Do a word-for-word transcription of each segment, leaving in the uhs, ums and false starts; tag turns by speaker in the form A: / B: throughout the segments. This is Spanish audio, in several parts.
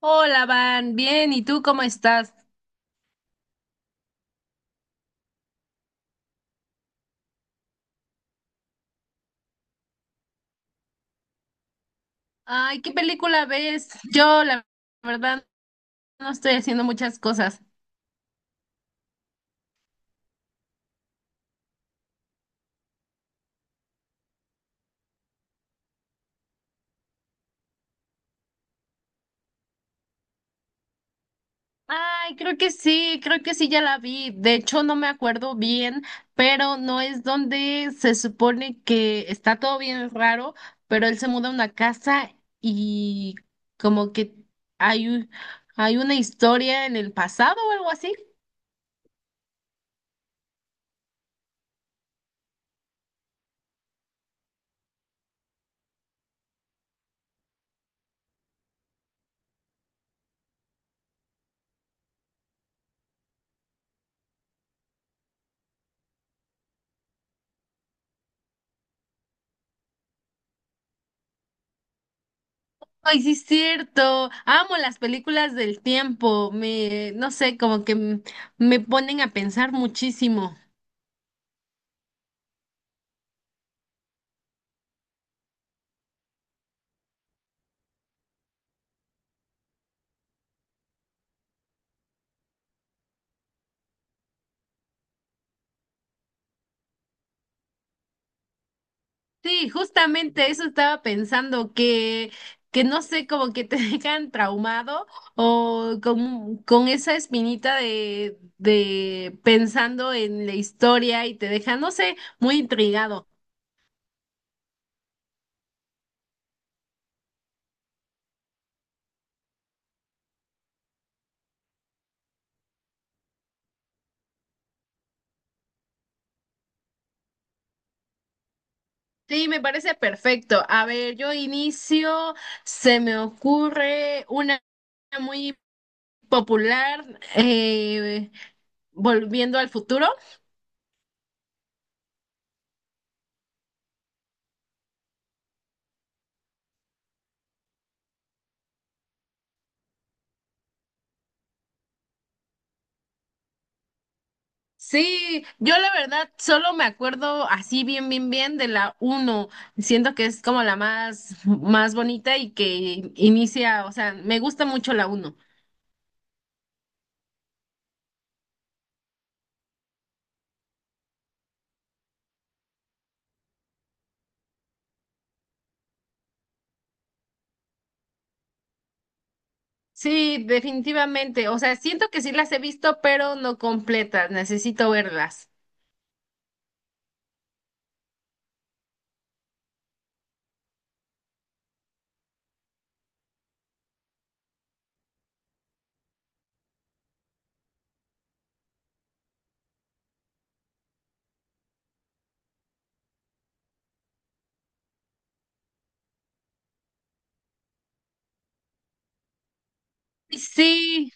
A: Hola, Van, bien, ¿y tú cómo estás? Ay, ¿qué película ves? Yo, la verdad, no estoy haciendo muchas cosas. Ay, creo que sí, creo que sí, ya la vi. De hecho, no me acuerdo bien, pero no es donde se supone que está todo bien raro, pero él se muda a una casa y como que hay, un- hay una historia en el pasado o algo así. Ay, sí es cierto. Amo las películas del tiempo. Me, no sé, como que m- me ponen a pensar muchísimo. Sí, justamente eso estaba pensando, que, que no sé, como que te dejan traumado o con, con esa espinita de, de pensando en la historia y te dejan, no sé, muy intrigado. Sí, me parece perfecto. A ver, yo inicio, se me ocurre una muy popular, eh, volviendo al futuro. Sí, yo la verdad solo me acuerdo así bien, bien, bien de la uno. Siento que es como la más, más bonita y que inicia, o sea, me gusta mucho la uno. Sí, definitivamente. O sea, siento que sí las he visto, pero no completas. Necesito verlas. Sí,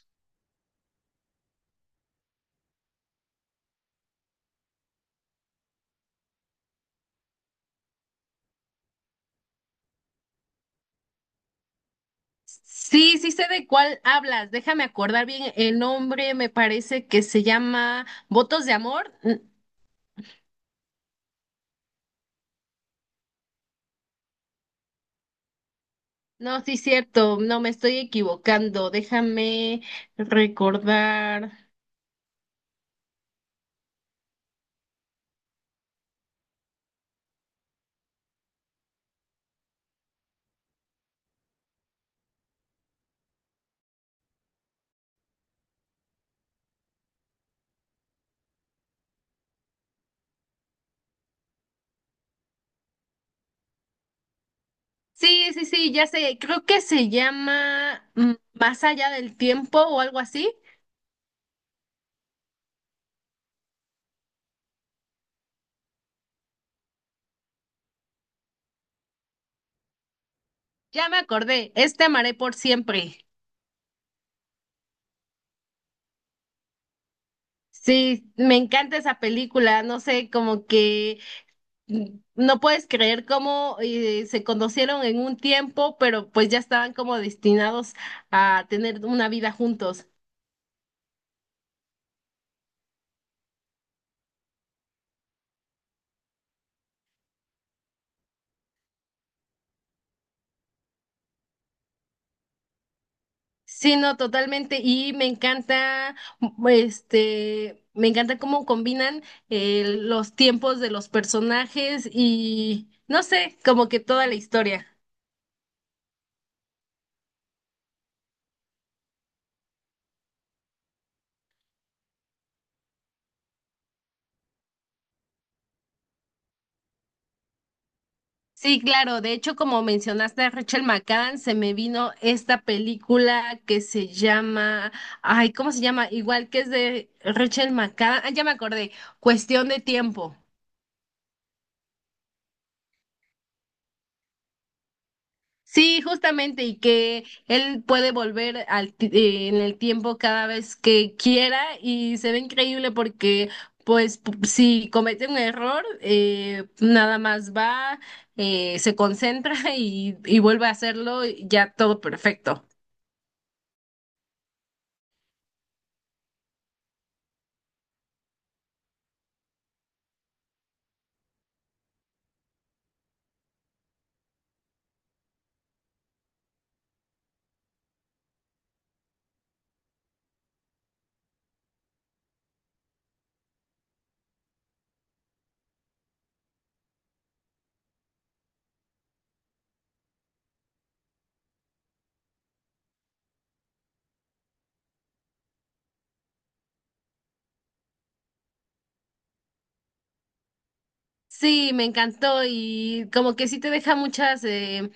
A: sí, sí sé de cuál hablas. Déjame acordar bien el nombre. Me parece que se llama Votos de Amor. No, sí, cierto, no me estoy equivocando. Déjame recordar. Sí, sí, sí, ya sé, creo que se llama mm, Más allá del tiempo o algo así. Ya me acordé, este amaré por siempre. Sí, me encanta esa película, no sé, como que mm, no puedes creer cómo eh, se conocieron en un tiempo, pero pues ya estaban como destinados a tener una vida juntos. Sí, no, totalmente. Y me encanta, m- este, me encanta cómo combinan eh, los tiempos de los personajes y, no sé, como que toda la historia. Sí, claro. De hecho, como mencionaste a Rachel McAdams, se me vino esta película que se llama, ay, ¿cómo se llama? Igual que es de Rachel McAdams. Ah, ya me acordé. Cuestión de tiempo. Sí, justamente, y que él puede volver al, ti- eh, en el tiempo cada vez que quiera y se ve increíble porque, pues, p- si comete un error, eh, nada más va, eh, se concentra y, y vuelve a hacerlo y ya todo perfecto. Sí, me encantó y como que sí te deja muchas eh,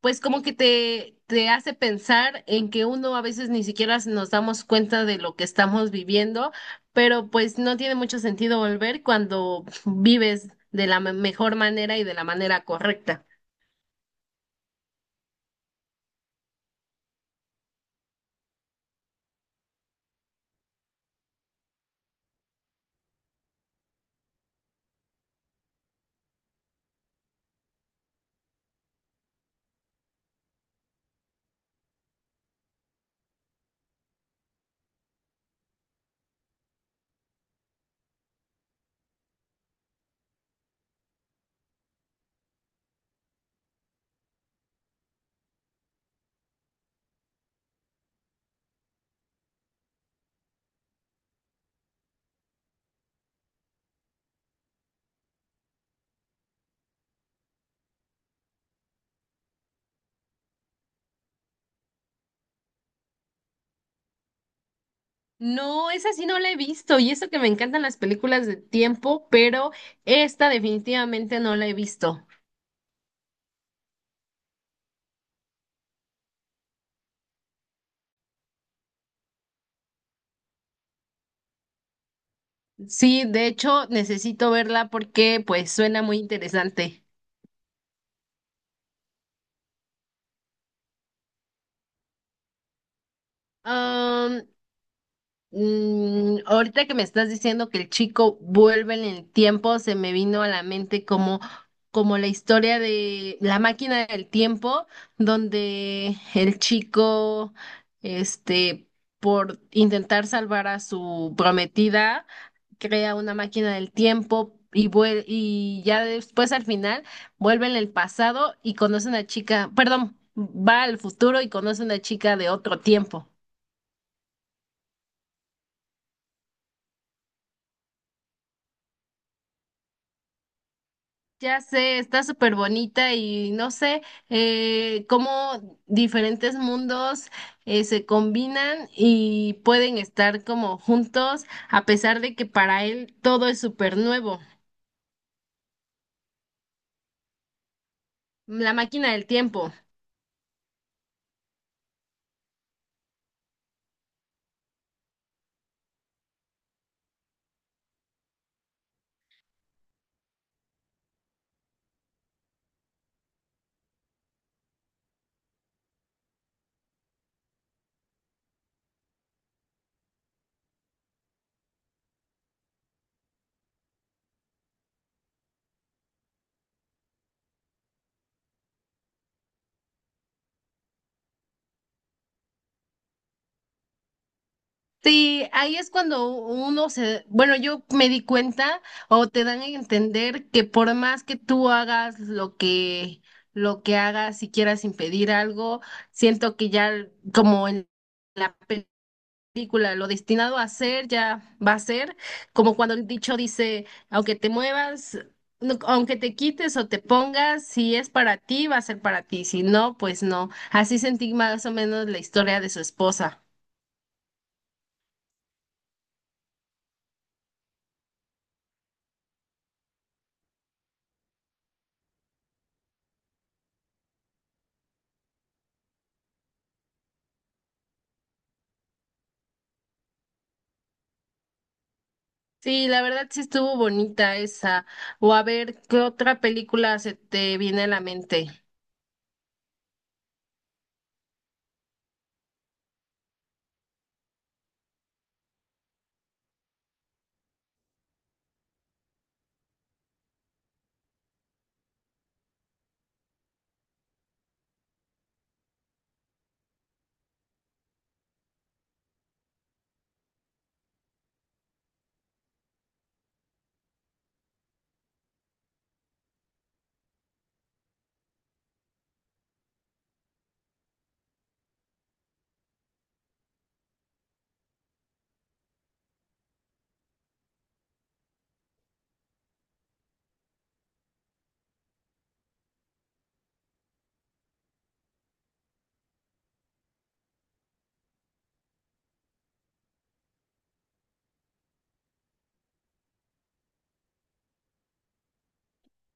A: pues como que te, te hace pensar en que uno a veces ni siquiera nos damos cuenta de lo que estamos viviendo, pero pues no tiene mucho sentido volver cuando vives de la me- mejor manera y de la manera correcta. No, esa sí no la he visto y eso que me encantan las películas de tiempo, pero esta definitivamente no la he visto. Sí, de hecho necesito verla porque pues suena muy interesante. Mm, ahorita que me estás diciendo que el chico vuelve en el tiempo, se me vino a la mente como, como la historia de la máquina del tiempo, donde el chico, este, por intentar salvar a su prometida, crea una máquina del tiempo y vuel- y ya después al final vuelve en el pasado y conoce a una chica, perdón, va al futuro y conoce a una chica de otro tiempo. Ya sé, está súper bonita y no sé eh, cómo diferentes mundos eh, se combinan y pueden estar como juntos a pesar de que para él todo es súper nuevo. La máquina del tiempo. Sí, ahí es cuando uno se, bueno, yo me di cuenta o te dan a entender que por más que tú hagas lo que lo que hagas, si quieras impedir algo, siento que ya como en la película película, lo destinado a ser ya va a ser, como cuando el dicho dice, aunque te muevas, no- aunque te quites o te pongas, si es para ti, va a ser para ti, si no, pues no. Así sentí más o menos la historia de su esposa. Sí, la verdad sí estuvo bonita esa. O a ver, ¿qué otra película se te viene a la mente?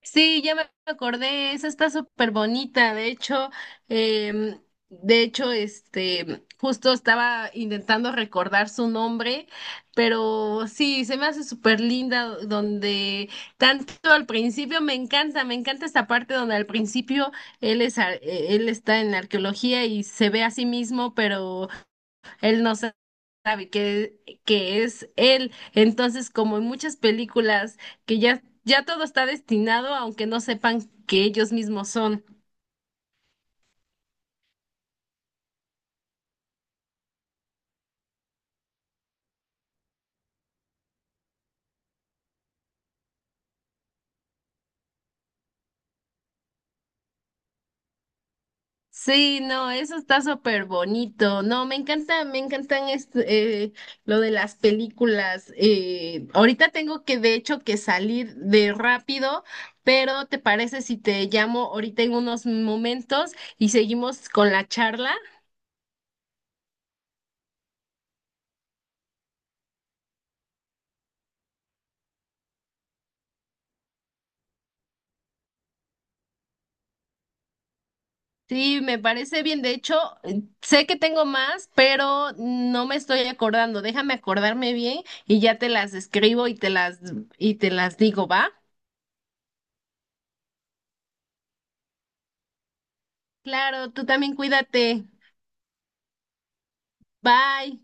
A: Sí, ya me acordé, esa está súper bonita, de hecho, em, de hecho, este, justo estaba intentando recordar su nombre, pero sí, se me hace súper linda donde tanto al principio, me encanta, me encanta esta parte donde al principio él es, ar- eh, él está en la arqueología y se ve a sí mismo, pero él no sa- sabe que, que es él. Entonces, como en muchas películas, que ya, ya todo está destinado, aunque no sepan que ellos mismos son. Sí, no, eso está súper bonito. No, me encanta, me encantan este, eh, lo de las películas. Eh, ahorita tengo que, de hecho, que salir de rápido, pero ¿te parece si te llamo ahorita en unos momentos y seguimos con la charla? Sí, me parece bien. De hecho, eh, sé que tengo más, pero no me estoy acordando. Déjame acordarme bien y ya te las escribo y te las y te las digo, ¿va? Claro, tú también cuídate. Bye.